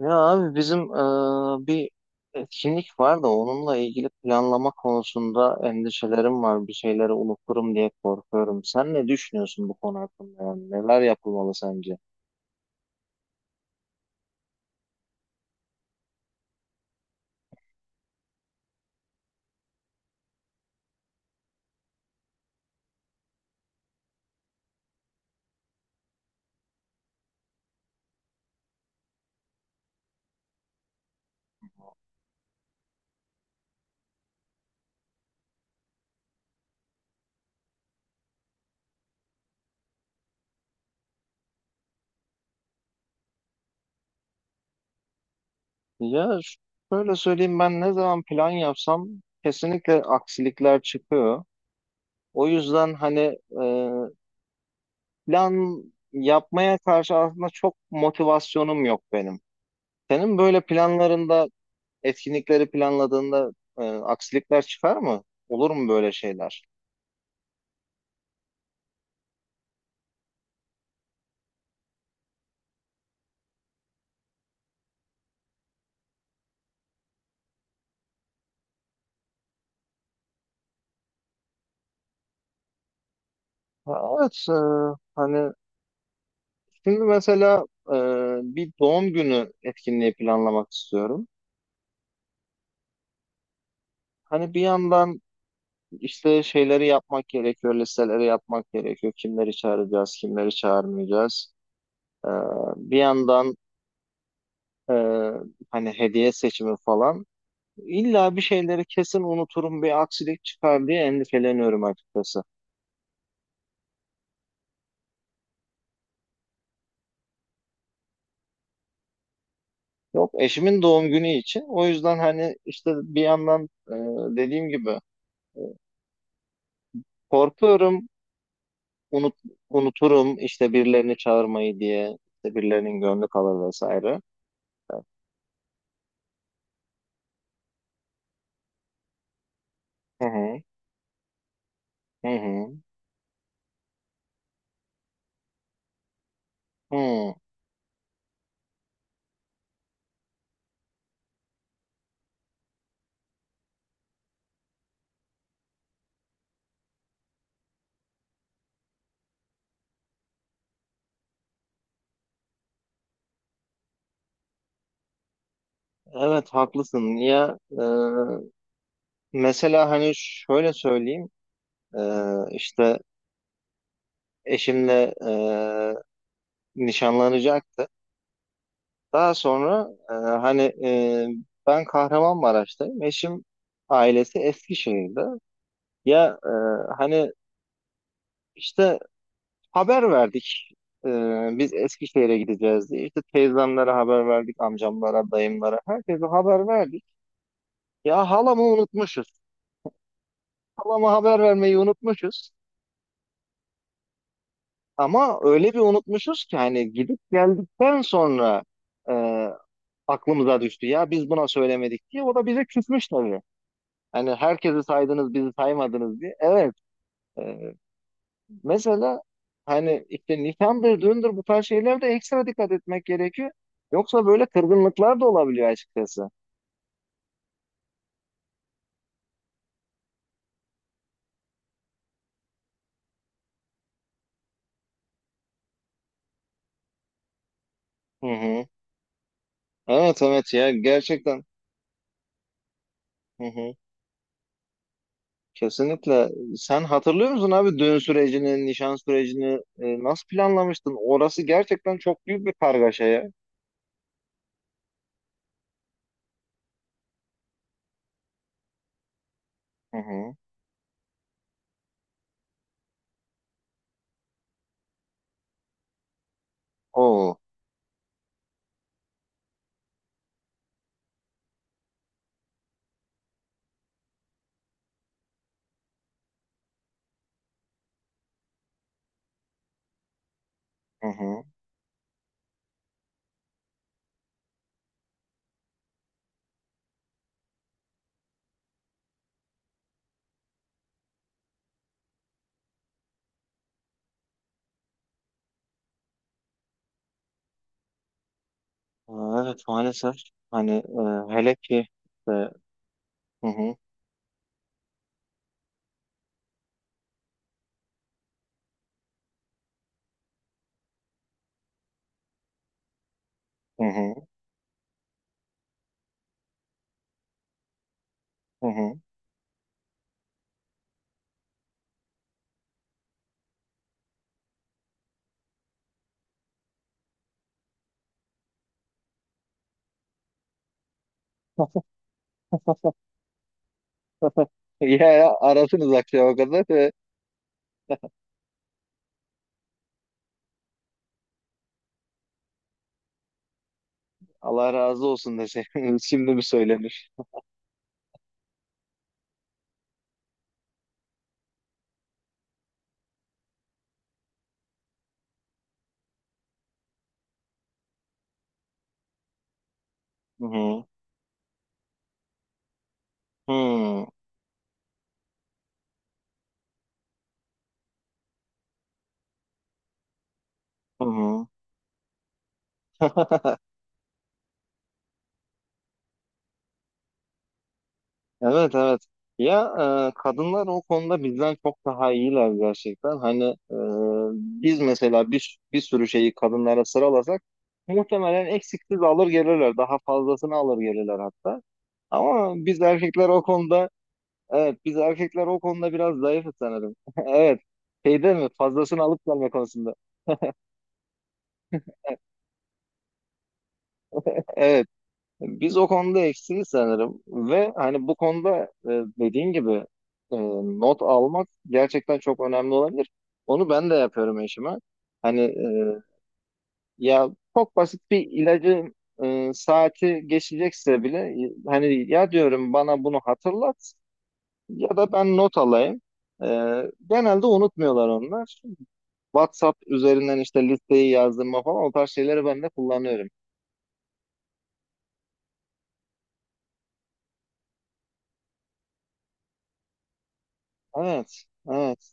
Ya abi bizim bir etkinlik var da onunla ilgili planlama konusunda endişelerim var. Bir şeyleri unuturum diye korkuyorum. Sen ne düşünüyorsun bu konu hakkında? Yani neler yapılmalı sence? Ya ş- şöyle söyleyeyim, ben ne zaman plan yapsam kesinlikle aksilikler çıkıyor. O yüzden hani plan yapmaya karşı aslında çok motivasyonum yok benim. Senin böyle planlarında, etkinlikleri planladığında aksilikler çıkar mı? Olur mu böyle şeyler? Ha, evet, hani şimdi mesela bir doğum günü etkinliği planlamak istiyorum. Hani bir yandan işte şeyleri yapmak gerekiyor, listeleri yapmak gerekiyor. Kimleri çağıracağız, kimleri çağırmayacağız. E, bir yandan e, hani hediye seçimi falan. İlla bir şeyleri kesin unuturum, bir aksilik çıkar diye endişeleniyorum açıkçası. Yok, eşimin doğum günü için. O yüzden hani işte bir yandan, dediğim gibi, e, korkuyorum unut, unuturum işte birilerini çağırmayı diye, işte birilerinin gönlü kalır vesaire. Hı hı. Hı hı. Hı. Evet, haklısın. Ya, mesela hani şöyle söyleyeyim, e, işte eşimle nişanlanacaktı. Daha sonra, hani, ben Kahramanmaraş'tayım. Eşim ailesi Eskişehir'de. Ya, hani işte haber verdik. E, biz Eskişehir'e gideceğiz diye. İşte teyzemlere haber verdik, amcamlara, dayımlara. Herkese haber verdik. Ya halamı unutmuşuz. Halama haber vermeyi unutmuşuz. Ama öyle bir unutmuşuz ki hani gidip geldikten sonra e, aklımıza düştü. Ya biz buna söylemedik diye. O da bize küsmüş tabii. Hani herkesi saydınız, bizi saymadınız diye. Evet. e, Mesela hani işte nişan, bir düğündür bu tarz şeylerde ekstra dikkat etmek gerekiyor. Yoksa böyle kırgınlıklar da olabiliyor açıkçası. Hı hı. Evet, evet, ya gerçekten. Hı hı. Kesinlikle. Sen hatırlıyor musun abi düğün sürecini, nişan sürecini nasıl planlamıştın? Orası gerçekten çok büyük bir kargaşa ya. Hı hı. Oo. Hı hı. Evet, maalesef. Hani hele ki e, hı hı. Hı hı. Hı hı. Ya arasınız akşama kadar. Allah razı olsun dese şimdi mi söylenir? Hı hı. Hı hı hı. Evet, evet. Ya, kadınlar o konuda bizden çok daha iyiler gerçekten. Hani e, biz mesela bir sürü şeyi kadınlara sıralasak muhtemelen eksiksiz alır gelirler. Daha fazlasını alır gelirler hatta. Ama biz erkekler o konuda, evet biz erkekler o konuda biraz zayıfız sanırım. Evet. Şeyde mi? Fazlasını alıp gelme konusunda. Evet. Biz o konuda eksiyiz sanırım ve hani bu konuda e, dediğin gibi, e, not almak gerçekten çok önemli olabilir. Onu ben de yapıyorum eşime. Hani ya çok basit bir ilacın saati geçecekse bile hani ya diyorum bana bunu hatırlat ya da ben not alayım. E, genelde unutmuyorlar onlar. WhatsApp üzerinden işte listeyi yazdırma falan o tarz şeyleri ben de kullanıyorum. Evet, evet.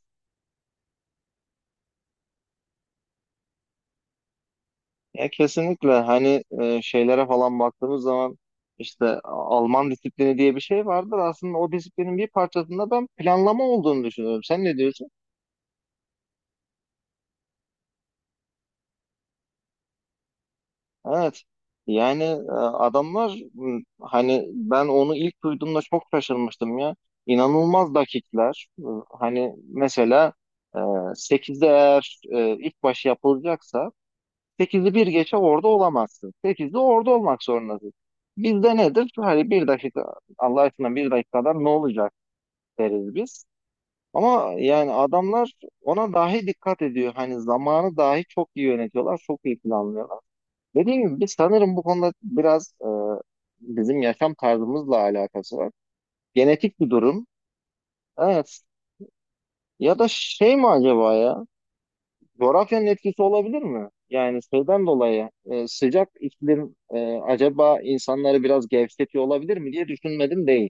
Ya kesinlikle hani şeylere falan baktığımız zaman işte Alman disiplini diye bir şey vardır. Aslında o disiplinin bir parçasında ben planlama olduğunu düşünüyorum. Sen ne diyorsun? Evet. Yani adamlar hani ben onu ilk duyduğumda çok şaşırmıştım ya. İnanılmaz dakikler. Hani mesela e, 8'de, eğer ilk başı yapılacaksa, 8'i bir geçe orada olamazsın. 8'de orada olmak zorundasın. Bizde nedir? Hani bir dakika, Allah aşkına bir dakikadan ne olacak deriz biz. Ama yani adamlar ona dahi dikkat ediyor. Hani zamanı dahi çok iyi yönetiyorlar, çok iyi planlıyorlar. Dediğim gibi biz sanırım bu konuda biraz bizim yaşam tarzımızla alakası var. Genetik bir durum. Evet. Ya da şey mi acaba ya? Coğrafyanın etkisi olabilir mi? Yani şeyden dolayı sıcak iklim acaba insanları biraz gevşetiyor olabilir mi diye düşünmedim değil.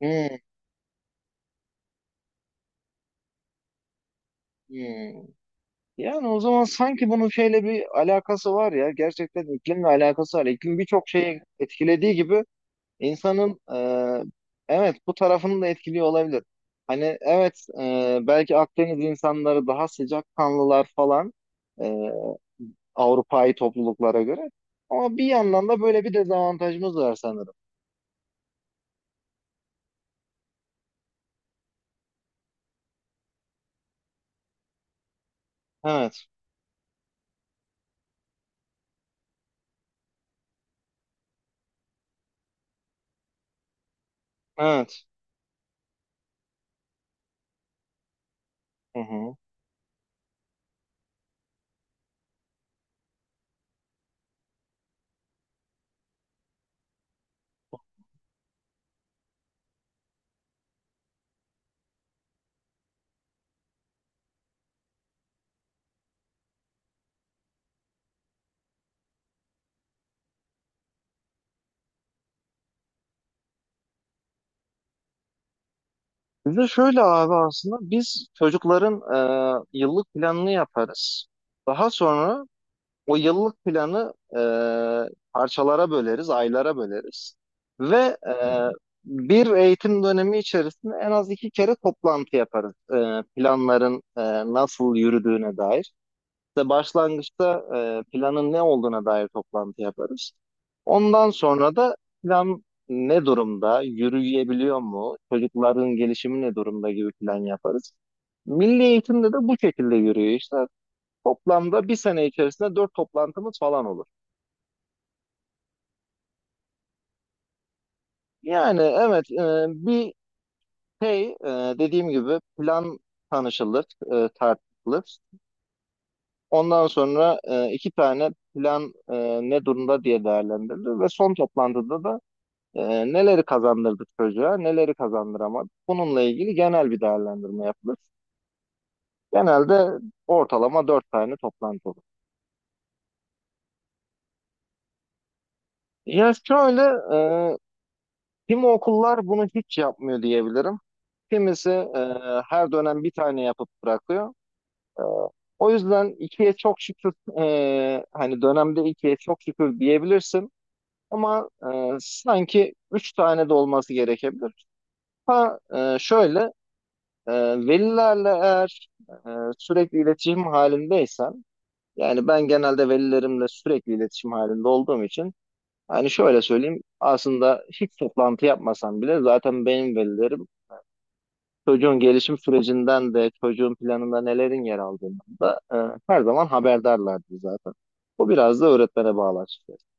Hmm, hmm. Yani o zaman sanki bunun şeyle bir alakası var ya. Gerçekten iklimle alakası var. İklim birçok şeyi etkilediği gibi insanın evet bu tarafını da etkiliyor olabilir. Hani evet, belki Akdeniz insanları daha sıcakkanlılar falan. e, Avrupa'yı topluluklara göre. Ama bir yandan da böyle bir dezavantajımız var sanırım. Evet, evet. Hı hı. Bir de şöyle abi, aslında biz çocukların yıllık planını yaparız. Daha sonra o yıllık planı parçalara böleriz, aylara böleriz. Ve e, bir eğitim dönemi içerisinde en az 2 kere toplantı yaparız. Planların nasıl yürüdüğüne dair. İşte başlangıçta planın ne olduğuna dair toplantı yaparız. Ondan sonra da plan ne durumda, yürüyebiliyor mu, çocukların gelişimi ne durumda gibi plan yaparız. Milli eğitimde de bu şekilde yürüyor işte. Toplamda bir sene içerisinde 4 toplantımız falan olur. Yani evet, şey e, dediğim gibi plan tanışılır, tartışılır. Ondan sonra iki tane plan ne durumda diye değerlendirilir ve son toplantıda da neleri kazandırdı çocuğa, neleri kazandıramadı? Bununla ilgili genel bir değerlendirme yapılır. Genelde ortalama 4 tane toplantı olur. Ya şöyle, e, kimi okullar bunu hiç yapmıyor diyebilirim. Kimisi her dönem bir tane yapıp bırakıyor. E, o yüzden ikiye çok şükür, hani dönemde ikiye çok şükür diyebilirsin. Ama sanki üç tane de olması gerekebilir. Ha, şöyle, Ee, velilerle eğer e, sürekli iletişim halindeysen, yani ben genelde velilerimle sürekli iletişim halinde olduğum için, hani şöyle söyleyeyim, aslında hiç toplantı yapmasam bile zaten benim velilerim çocuğun gelişim sürecinden de çocuğun planında nelerin yer aldığından da her zaman haberdarlardı zaten. Bu biraz da öğretmene bağlı açıkçası.